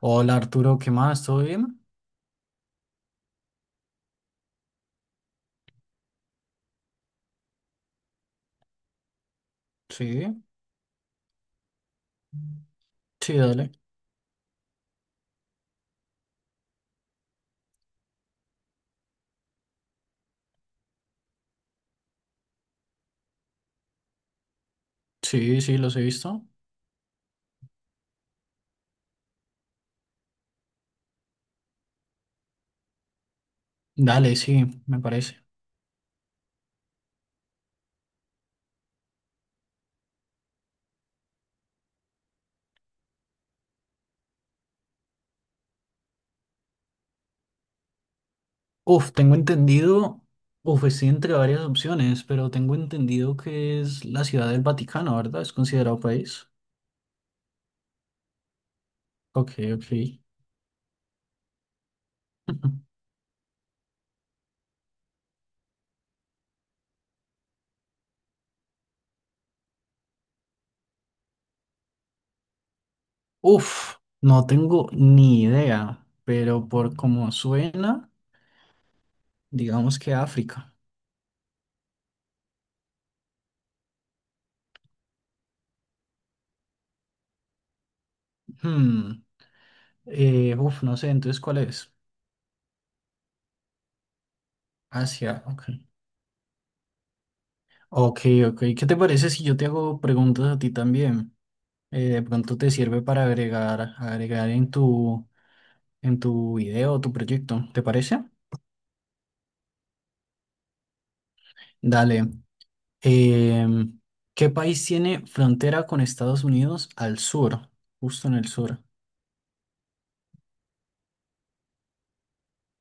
Hola Arturo, ¿qué más? ¿Todo bien? Sí, sí, dale. Sí, sí, los he visto. Dale, sí, me parece. Uf, tengo entendido, uf, estoy entre varias opciones, pero tengo entendido que es la Ciudad del Vaticano, ¿verdad? Es considerado país. Ok, ok. Uf, no tengo ni idea, pero por cómo suena, digamos que África. Hmm, uf, no sé, entonces, ¿cuál es? Asia, ok. Ok, ok. ¿Qué te parece si yo te hago preguntas a ti también? De pronto te sirve para agregar en tu video o tu proyecto, ¿te parece? Dale. Em, ¿Qué país tiene frontera con Estados Unidos al sur? Justo en el sur.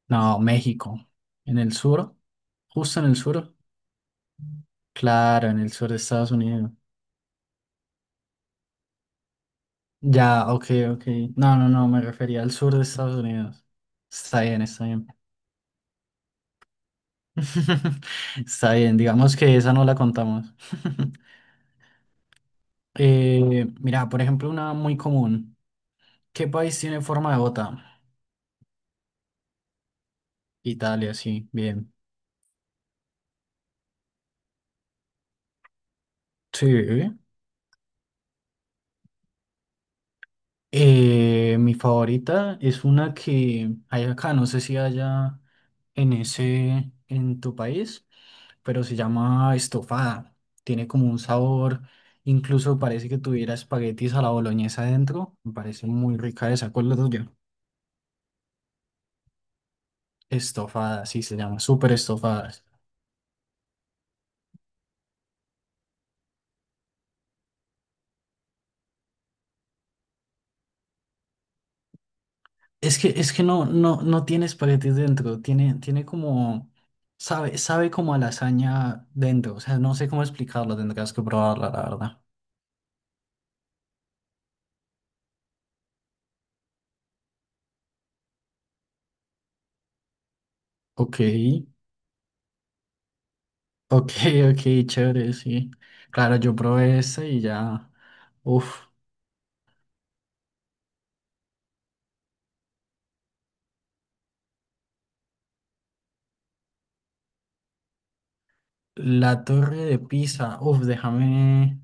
No, México. ¿En el sur? ¿Justo en el sur? Claro, en el sur de Estados Unidos. Ya, ok, ok. No, no, no, me refería al sur de Estados Unidos. Está bien, está bien. Está bien, digamos que esa no la contamos. Mira, por ejemplo, una muy común. ¿Qué país tiene forma de bota? Italia, sí, bien. Sí. Mi favorita es una que hay acá, no sé si haya en tu país, pero se llama estofada. Tiene como un sabor, incluso parece que tuviera espaguetis a la boloñesa adentro. Me parece muy rica esa. ¿Cuál es la tuya? Estofadas, sí se llama, súper estofadas. Es que no, no, no tiene espaguetis dentro, tiene como, sabe como a lasaña dentro, o sea, no sé cómo explicarlo, tendrás que probarla, la verdad. Ok, ok, ok, chévere, sí. Claro, yo probé esta y ya, uf, la torre de Pisa, uf, déjame,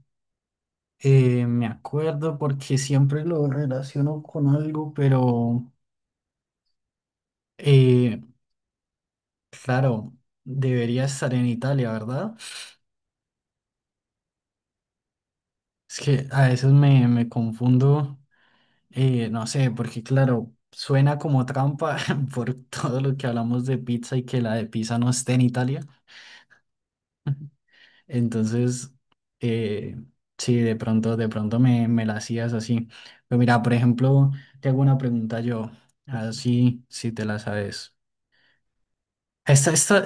me acuerdo porque siempre lo relaciono con algo, pero... Eh, Claro, debería estar en Italia, ¿verdad? Es que a veces me confundo, no sé, porque claro, suena como trampa por todo lo que hablamos de pizza y que la de pizza no esté en Italia. Entonces, eh, sí, de pronto me la hacías así. Pero mira, por ejemplo, te hago una pregunta yo, así si te la sabes. Esta, esta,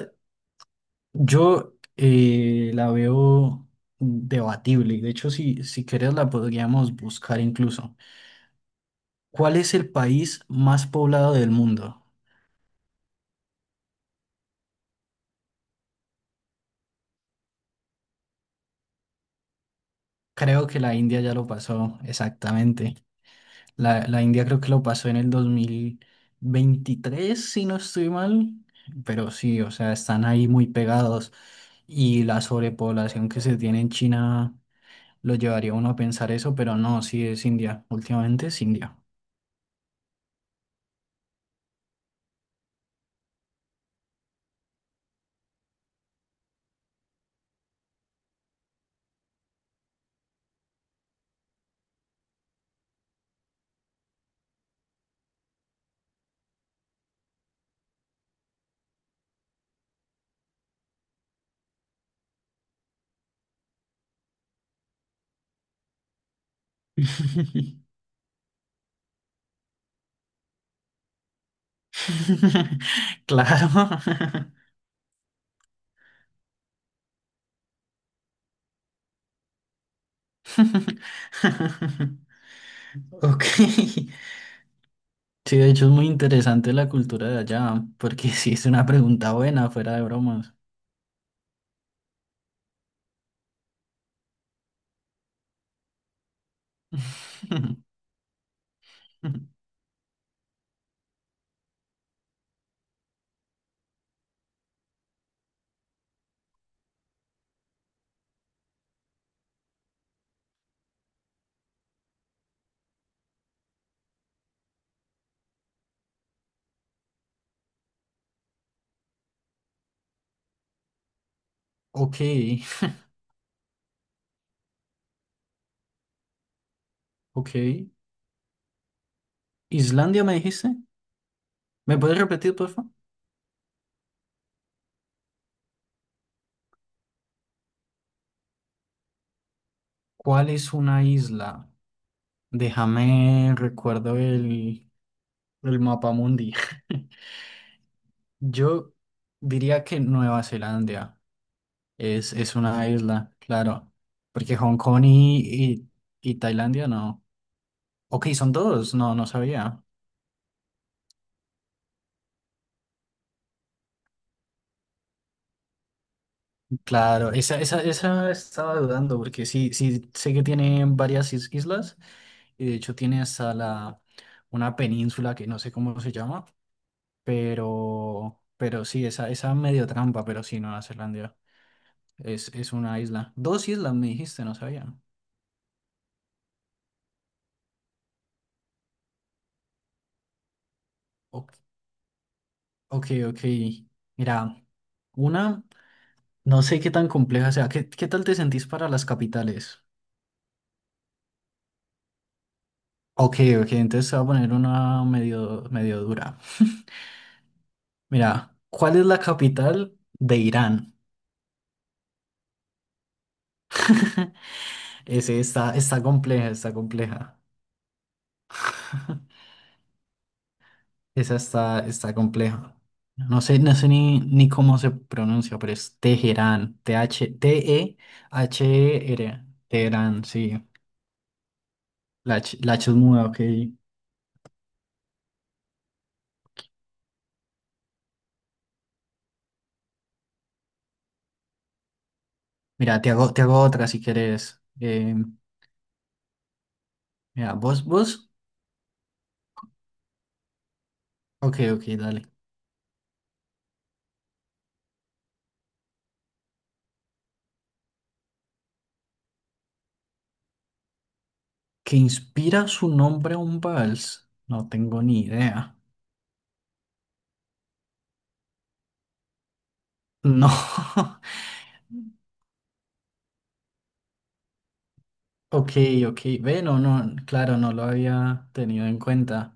Yo la veo debatible y de hecho si quieres la podríamos buscar incluso. ¿Cuál es el país más poblado del mundo? Creo que la India ya lo pasó, exactamente. La India creo que lo pasó en el 2023 si no estoy mal, pero sí, o sea, están ahí muy pegados y la sobrepoblación que se tiene en China lo llevaría a uno a pensar eso, pero no, sí es India, últimamente es India. Claro. Ok. Sí, de hecho es muy interesante la cultura de allá, porque sí es una pregunta buena, fuera de bromas. Ok, ok. ¿Islandia me dijiste? ¿Me puedes repetir, por favor? ¿Cuál es una isla? Déjame recuerdo el mapa mundi. Yo diría que Nueva Zelanda. Es una isla, claro. Porque Hong Kong y- y Tailandia no. Ok, son dos, no, no sabía. Claro, esa estaba dudando, porque sí, sí sé que tiene varias islas, y de hecho tiene hasta la una península que no sé cómo se llama, pero sí, esa medio trampa, pero sí, Nueva Zelanda es una isla. Dos islas me dijiste, no sabía. Ok, ok. ok. Mira. Una. No sé qué tan compleja sea. ¿Qué tal te sentís para las capitales? Ok, ok, entonces te voy a poner una medio, medio dura. Mira, ¿cuál es la capital de Irán? Ese está compleja, está compleja. Esa está compleja. No sé ni cómo se pronuncia, pero es Teherán. T-H, T-E-H-R. E Teherán, sí. La H es muda, ok. Mira, te hago otra si quieres. Mira, vos. Ok, ok, dale. ¿Que inspira su nombre a un vals? No tengo ni idea. No. Ok, ok. Ve, no, no, claro, no lo había tenido en cuenta.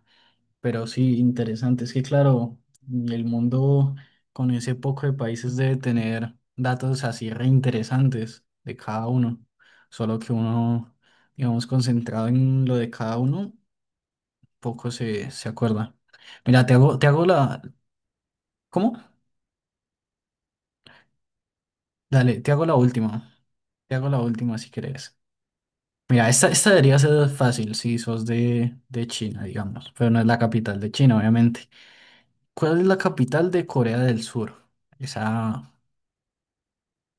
Pero sí, interesante. Es que, claro, el mundo con ese poco de países debe tener datos así reinteresantes de cada uno. Solo que uno, digamos, concentrado en lo de cada uno, poco se acuerda. Mira, te hago la... ¿Cómo? Dale, te hago la última. Te hago la última si quieres Mira, esta debería ser fácil si sos de China, digamos. Pero no es la capital de China, obviamente. ¿Cuál es la capital de Corea del Sur? Esa,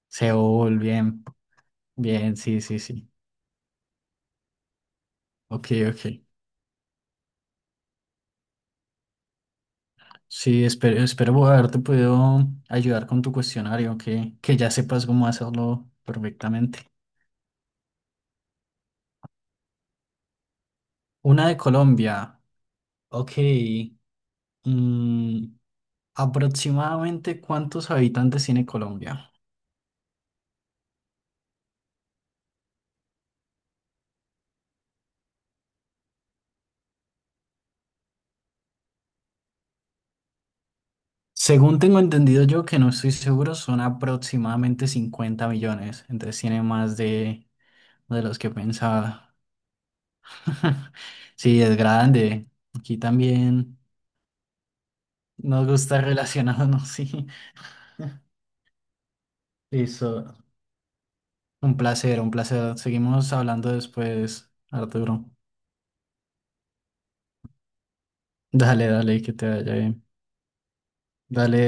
Seúl, bien, bien, sí, sí, sí. Ok, ok. Sí, espero haberte podido ayudar con tu cuestionario, que ya sepas cómo hacerlo perfectamente. Una de Colombia. Ok. mm, Aproximadamente, ¿cuántos habitantes tiene Colombia? Según tengo entendido yo, que no estoy seguro, son aproximadamente 50 millones. Entonces tiene más de los que pensaba. Sí, es grande. Aquí también nos gusta relacionarnos, sí. Listo. Un placer, un placer. Seguimos hablando después, Arturo. Dale, dale, que te vaya bien. Dale.